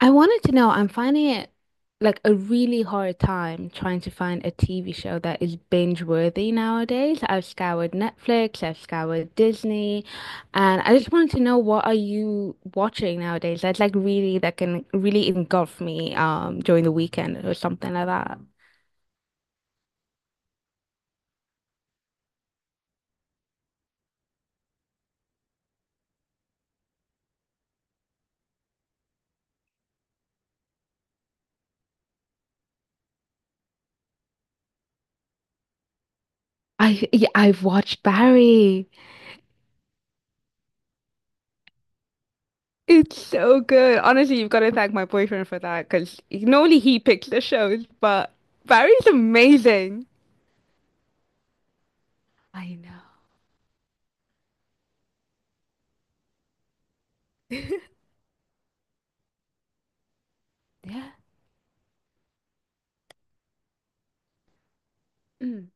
I wanted to know, I'm finding it like a really hard time trying to find a TV show that is binge worthy nowadays. I've scoured Netflix, I've scoured Disney, and I just wanted to know what are you watching nowadays that's like really that can really engulf me during the weekend or something like that. I Yeah, I've watched Barry. It's so good. Honestly, you've got to thank my boyfriend for that because normally he picks the shows, but Barry's amazing. I know. Yeah. Mm.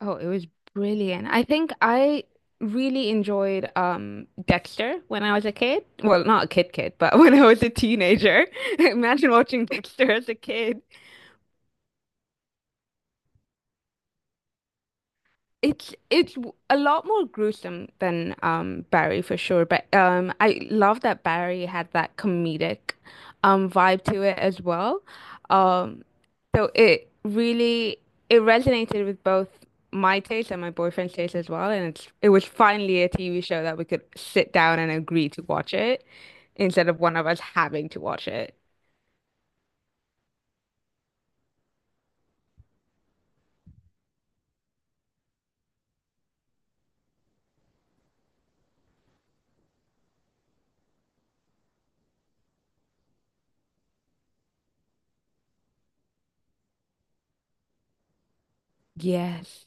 Oh, it was brilliant. I think I really enjoyed Dexter when I was a kid. Well, not a kid kid, but when I was a teenager. Imagine watching Dexter as a kid. A lot more gruesome than Barry for sure, but I love that Barry had that comedic vibe to it as well. Um so it really it resonated with both my taste and my boyfriend's taste as well, and it was finally a TV show that we could sit down and agree to watch it instead of one of us having to watch it. Yes.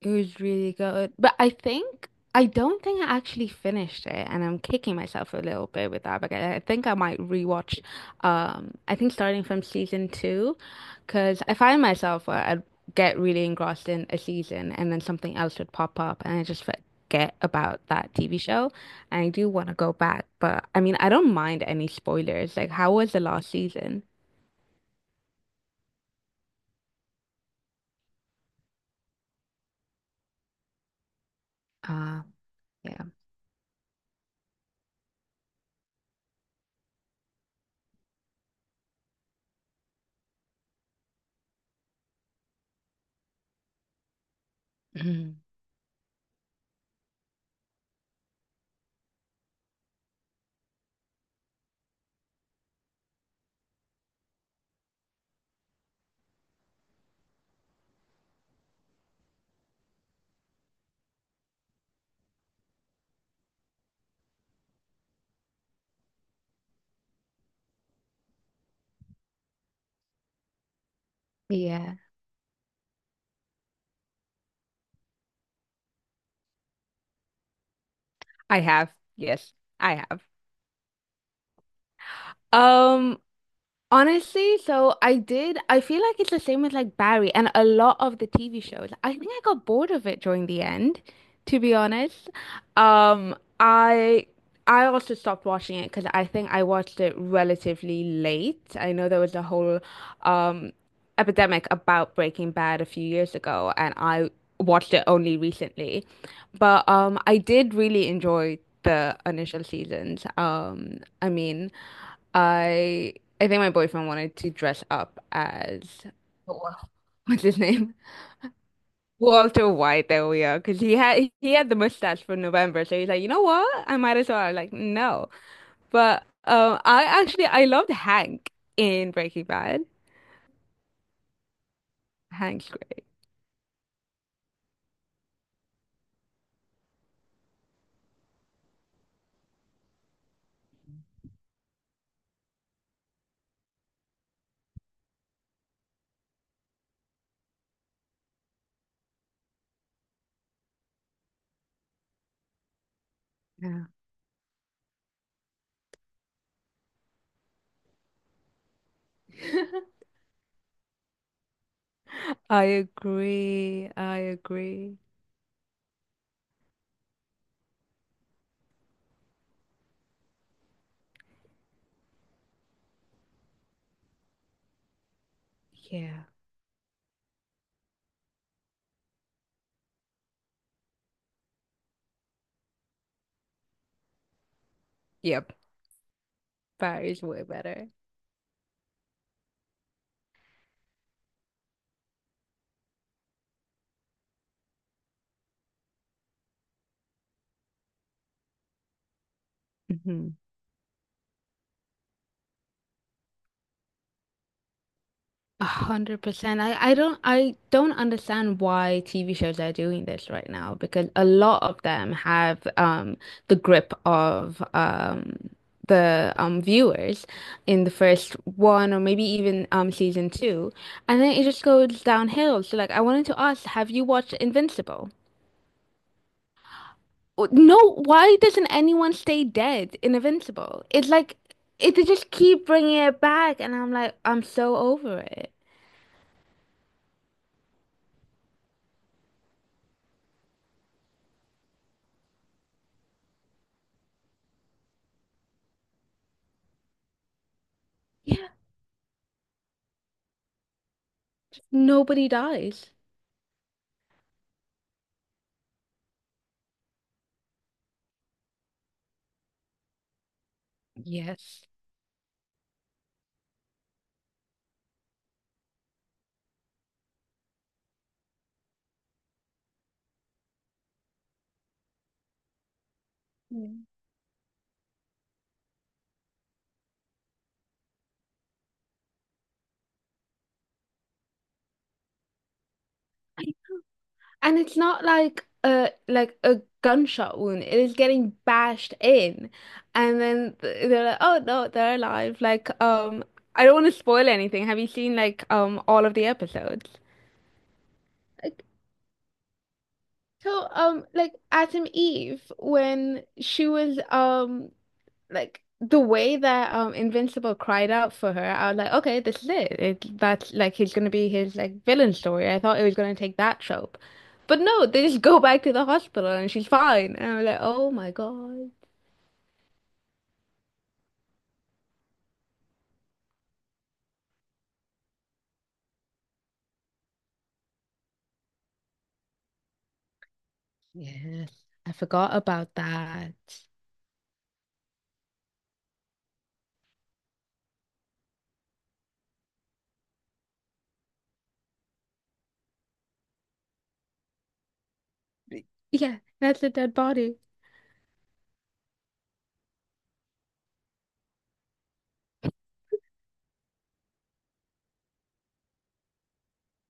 It was really good. But I think I don't think I actually finished it and I'm kicking myself a little bit with that because I think I might rewatch I think starting from season two because I find myself where I'd get really engrossed in a season and then something else would pop up and I just forget about that TV show. And I do want to go back, but I mean I don't mind any spoilers. Like how was the last season? Uh, yeah. Yeah. I have. Yes, I have. Um, Honestly, so I did. I feel like it's the same with like Barry and a lot of the TV shows. I think I got bored of it during the end, to be honest. Um, I I also stopped watching it because I think I watched it relatively late. I know there was a whole um epidemic about Breaking Bad a few years ago, and I watched it only recently. But I did really enjoy the initial seasons. I mean. I I think my boyfriend wanted to dress up as, oh, what's his name? Walter White. There we are. Because he had the mustache for November, so he's like, you know what? I might as well. I'm like, no. But I actually I loved Hank in Breaking Bad. Hank's great. Yeah. I agree. I agree. Yeah. Yep. Barry's way better. Mhm. 100%. I don't understand why TV shows are doing this right now because a lot of them have the grip of the viewers in the first one or maybe even season two, and then it just goes downhill. So like I wanted to ask, have you watched Invincible? No, why doesn't anyone stay dead in Invincible? It's like it they just keep bringing it back, and I'm like I'm so over it. Nobody dies. Yes. Mm. And it's not like a like a gunshot wound. It is getting bashed in, and then they're like, "Oh no, they're alive." Like, I don't want to spoil anything. Have you seen like all of the episodes? Like, so like Adam Eve when she was like the way that Invincible cried out for her, I was like, okay, this is it. That's like he's gonna be his like villain story. I thought it was gonna take that trope. But no, they just go back to the hospital and she's fine. And I'm like, oh my God. Yes, I forgot about that. Yeah, that's a dead body.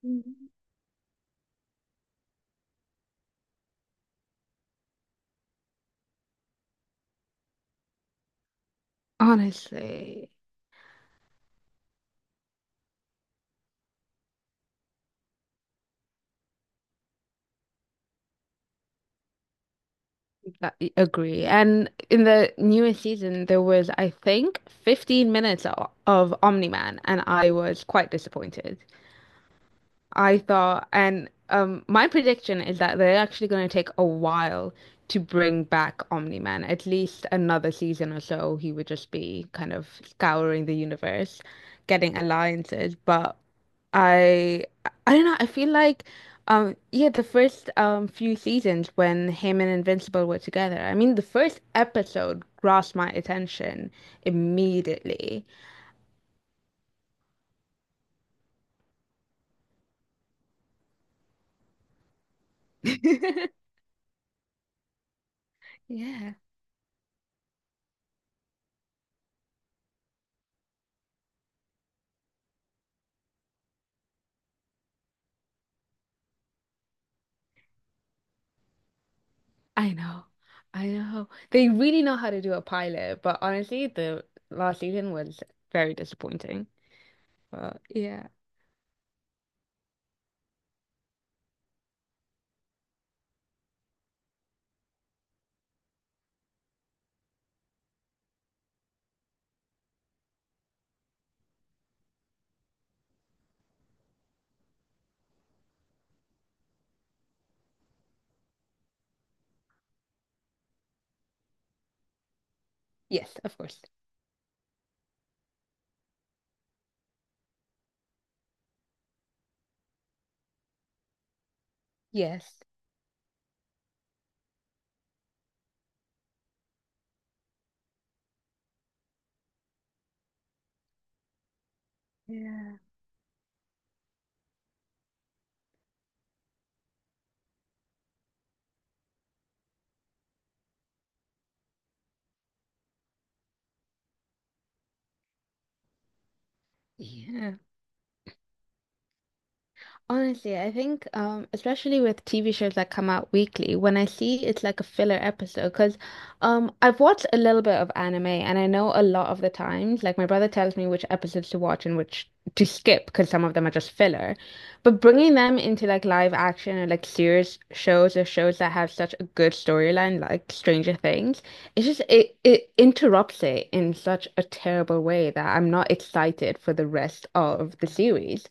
Mhm. Honestly, I agree. And in the newest season, there was, I think, 15 minutes of Omni-Man, and I was quite disappointed. I thought, and my prediction is that they're actually going to take a while to bring back Omni-Man, at least another season or so. He would just be kind of scouring the universe, getting alliances. But I, I don't know. I feel like, yeah, the first few seasons when him and Invincible were together. I mean, the first episode grasped my attention immediately. Yeah. I know, I know. They really know how to do a pilot, but honestly, the last season was very disappointing. But yeah, yes, of course. Yes. Yeah. Yeah. Honestly, I think, especially with TV shows that come out weekly, when I see it's like a filler episode, because I've watched a little bit of anime and I know a lot of the times, like my brother tells me which episodes to watch and which to skip because some of them are just filler. But bringing them into like live action or like serious shows or shows that have such a good storyline, like Stranger Things, it's just it interrupts it in such a terrible way that I'm not excited for the rest of the series.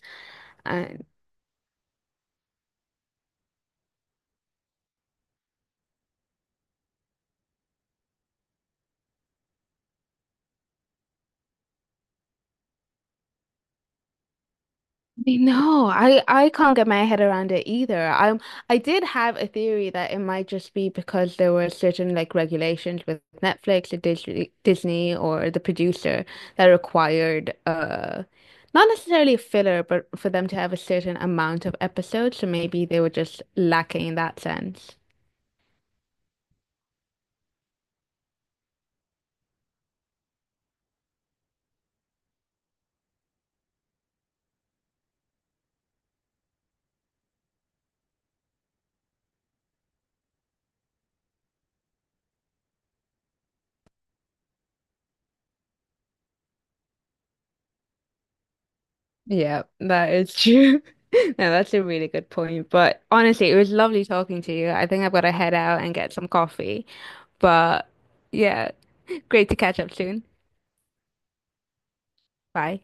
No, I can't get my head around it either. I did have a theory that it might just be because there were certain like regulations with Netflix or Disney or the producer that required not necessarily filler, but for them to have a certain amount of episodes. So maybe they were just lacking in that sense. Yeah, that is true. No, that's a really good point. But honestly, it was lovely talking to you. I think I've got to head out and get some coffee. But yeah, great to catch up soon. Bye.